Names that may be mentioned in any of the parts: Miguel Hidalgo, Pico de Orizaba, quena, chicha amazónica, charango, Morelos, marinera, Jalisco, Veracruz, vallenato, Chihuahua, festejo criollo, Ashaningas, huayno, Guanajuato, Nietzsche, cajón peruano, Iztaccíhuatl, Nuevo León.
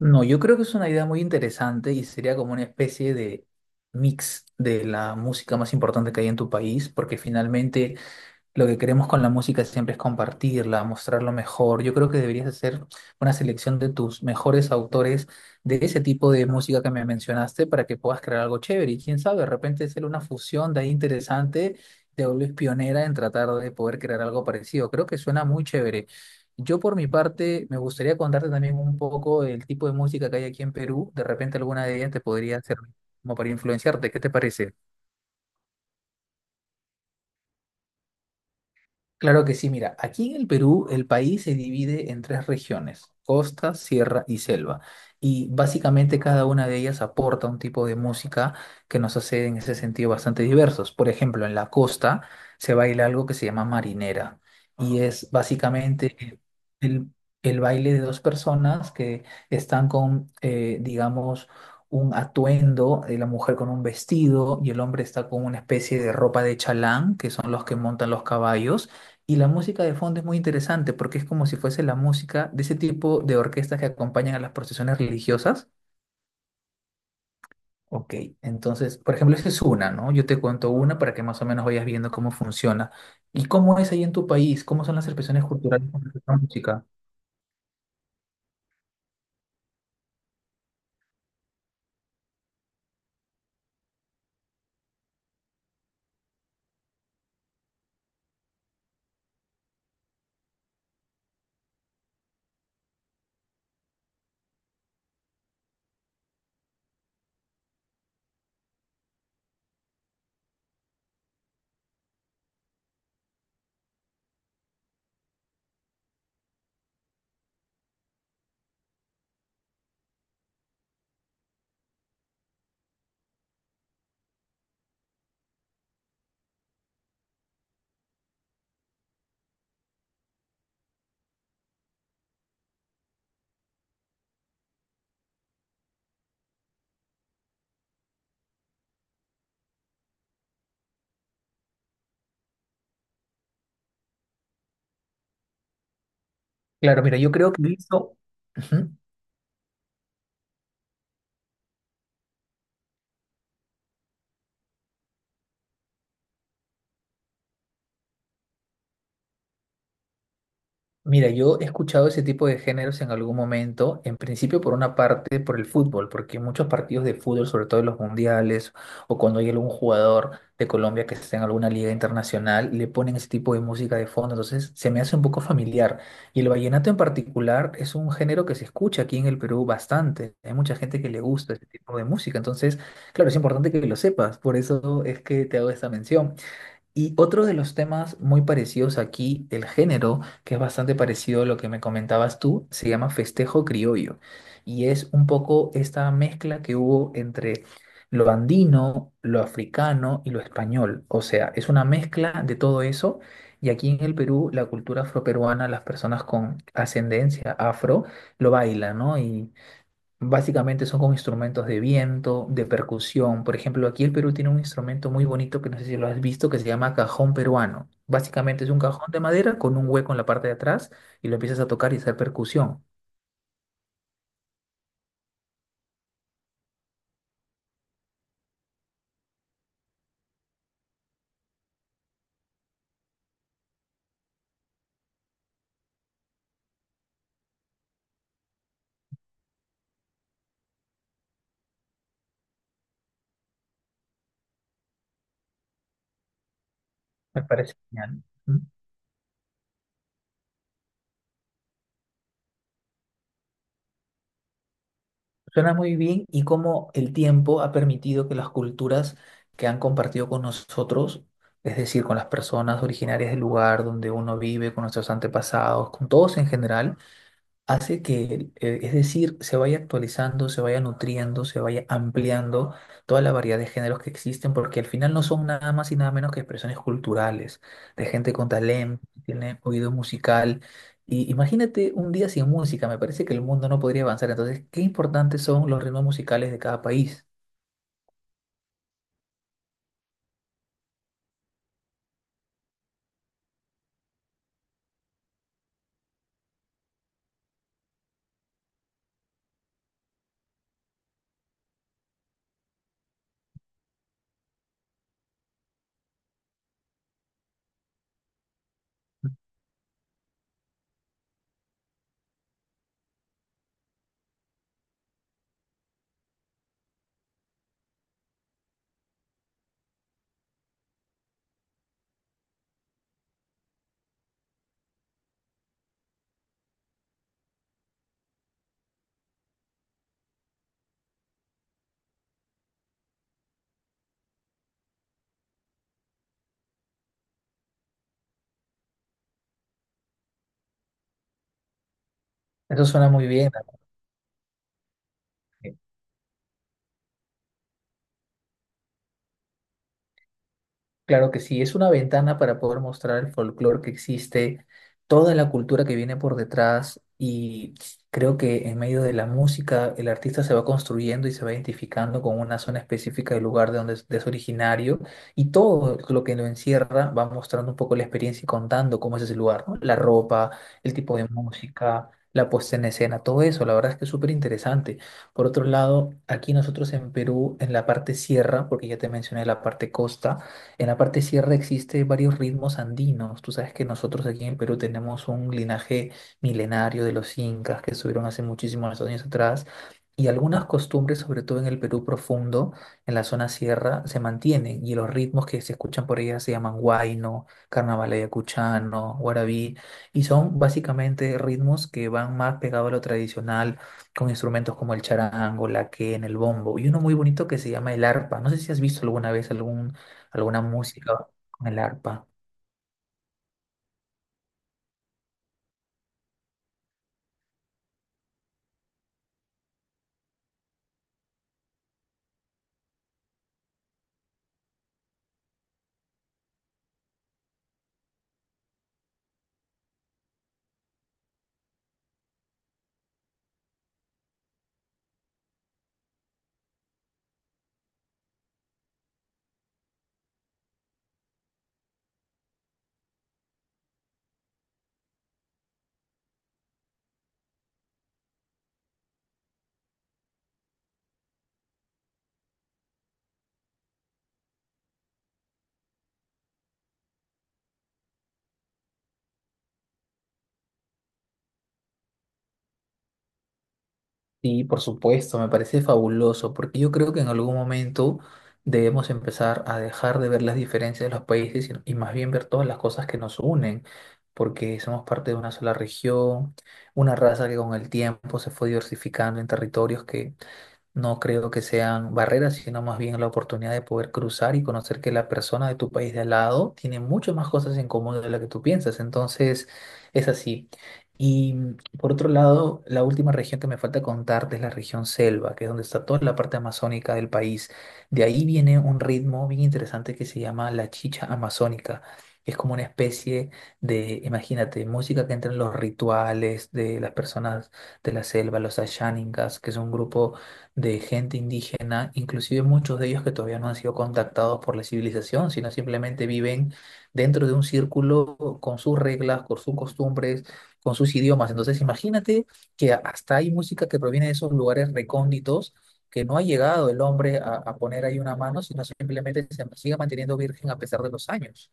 No, yo creo que es una idea muy interesante y sería como una especie de mix de la música más importante que hay en tu país, porque finalmente lo que queremos con la música siempre es compartirla, mostrarlo mejor. Yo creo que deberías hacer una selección de tus mejores autores de ese tipo de música que me mencionaste para que puedas crear algo chévere. Y quién sabe, de repente hacer una fusión de ahí interesante, te vuelves pionera en tratar de poder crear algo parecido. Creo que suena muy chévere. Yo por mi parte me gustaría contarte también un poco el tipo de música que hay aquí en Perú. De repente alguna de ellas te podría servir como para influenciarte. ¿Qué te parece? Claro que sí, mira, aquí en el Perú el país se divide en tres regiones: costa, sierra y selva. Y básicamente cada una de ellas aporta un tipo de música que nos hace en ese sentido bastante diversos. Por ejemplo, en la costa se baila algo que se llama marinera y es básicamente el, el baile de dos personas que están con, digamos, un atuendo. La mujer con un vestido y el hombre está con una especie de ropa de chalán, que son los que montan los caballos, y la música de fondo es muy interesante porque es como si fuese la música de ese tipo de orquestas que acompañan a las procesiones religiosas. Ok, entonces, por ejemplo, esa es una, ¿no? Yo te cuento una para que más o menos vayas viendo cómo funciona. ¿Y cómo es ahí en tu país? ¿Cómo son las expresiones culturales con respecto a la música? Claro, mira, yo creo que he visto... Ujú. Mira, yo he escuchado ese tipo de géneros en algún momento, en principio por una parte por el fútbol, porque muchos partidos de fútbol, sobre todo en los mundiales o cuando hay algún jugador de Colombia que está en alguna liga internacional, le ponen ese tipo de música de fondo, entonces se me hace un poco familiar. Y el vallenato en particular es un género que se escucha aquí en el Perú bastante, hay mucha gente que le gusta ese tipo de música, entonces, claro, es importante que lo sepas, por eso es que te hago esta mención. Y otro de los temas muy parecidos aquí del género, que es bastante parecido a lo que me comentabas tú, se llama festejo criollo. Y es un poco esta mezcla que hubo entre lo andino, lo africano y lo español. O sea, es una mezcla de todo eso. Y aquí en el Perú, la cultura afroperuana, las personas con ascendencia afro lo bailan, ¿no? Y Básicamente son con instrumentos de viento, de percusión. Por ejemplo, aquí el Perú tiene un instrumento muy bonito que no sé si lo has visto, que se llama cajón peruano. Básicamente es un cajón de madera con un hueco en la parte de atrás y lo empiezas a tocar y hacer percusión. Me parece genial. Mm. Suena muy bien y cómo el tiempo ha permitido que las culturas que han compartido con nosotros, es decir, con las personas originarias del lugar donde uno vive, con nuestros antepasados, con todos en general, hace que, es decir, se vaya actualizando, se vaya nutriendo, se vaya ampliando toda la variedad de géneros que existen, porque al final no son nada más y nada menos que expresiones culturales, de gente con talento, que tiene oído musical. Y imagínate un día sin música, me parece que el mundo no podría avanzar. Entonces, qué importantes son los ritmos musicales de cada país. Eso suena muy bien, ¿no? Claro que sí, es una ventana para poder mostrar el folclore que existe, toda la cultura que viene por detrás, y creo que en medio de la música el artista se va construyendo y se va identificando con una zona específica del lugar de donde es, de es originario, y todo lo que lo encierra va mostrando un poco la experiencia y contando cómo es ese lugar, ¿no? La ropa, el tipo de música, la puesta en escena, todo eso, la verdad es que es súper interesante. Por otro lado, aquí nosotros en Perú, en la parte sierra, porque ya te mencioné la parte costa, en la parte sierra existe varios ritmos andinos. Tú sabes que nosotros aquí en el Perú tenemos un linaje milenario de los incas que estuvieron hace muchísimos años atrás, y algunas costumbres, sobre todo en el Perú profundo, en la zona sierra, se mantienen, y los ritmos que se escuchan por ella se llaman huayno, carnaval ayacuchano, guarabí, y son básicamente ritmos que van más pegados a lo tradicional, con instrumentos como el charango, la quena, el bombo y uno muy bonito que se llama el arpa. No sé si has visto alguna vez algún alguna música con el arpa. Sí, por supuesto, me parece fabuloso, porque yo creo que en algún momento debemos empezar a dejar de ver las diferencias de los países y más bien ver todas las cosas que nos unen, porque somos parte de una sola región, una raza que con el tiempo se fue diversificando en territorios que... No creo que sean barreras, sino más bien la oportunidad de poder cruzar y conocer que la persona de tu país de al lado tiene muchas más cosas en común de lo que tú piensas. Entonces, es así. Y por otro lado, la última región que me falta contarte es la región selva, que es donde está toda la parte amazónica del país. De ahí viene un ritmo bien interesante que se llama la chicha amazónica. Es como una especie de, imagínate, música que entra en los rituales de las personas de la selva, los Ashaningas, que es un grupo de gente indígena, inclusive muchos de ellos que todavía no han sido contactados por la civilización, sino simplemente viven dentro de un círculo con sus reglas, con sus costumbres, con sus idiomas. Entonces, imagínate que hasta hay música que proviene de esos lugares recónditos, que no ha llegado el hombre a poner ahí una mano, sino simplemente se sigue manteniendo virgen a pesar de los años.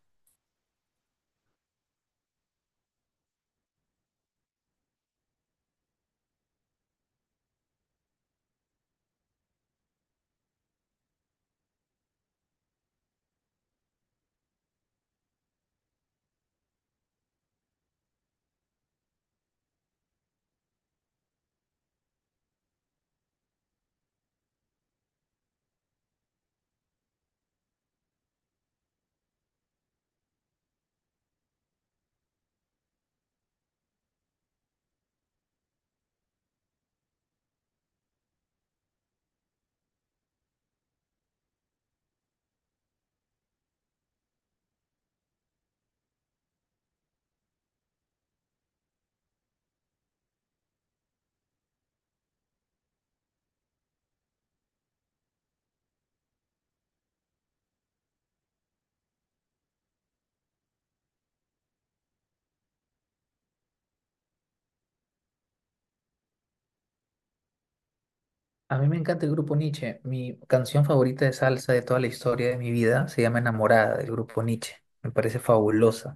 A mí me encanta el grupo Nietzsche. Mi canción favorita de salsa de toda la historia de mi vida se llama Enamorada, del grupo Nietzsche. Me parece fabulosa.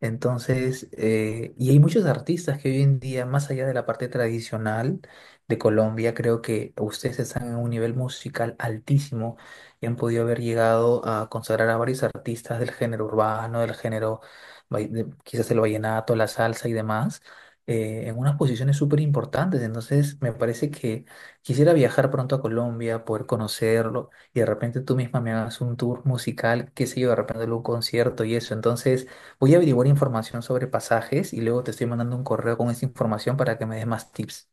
Entonces, y hay muchos artistas que hoy en día, más allá de la parte tradicional de Colombia, creo que ustedes están en un nivel musical altísimo y han podido haber llegado a consagrar a varios artistas del género urbano, del género, quizás el vallenato, la salsa y demás, en unas posiciones súper importantes. Entonces, me parece que quisiera viajar pronto a Colombia, poder conocerlo y de repente tú misma me hagas un tour musical, qué sé yo, de repente algún concierto y eso. Entonces, voy a averiguar información sobre pasajes y luego te estoy mandando un correo con esa información para que me des más tips.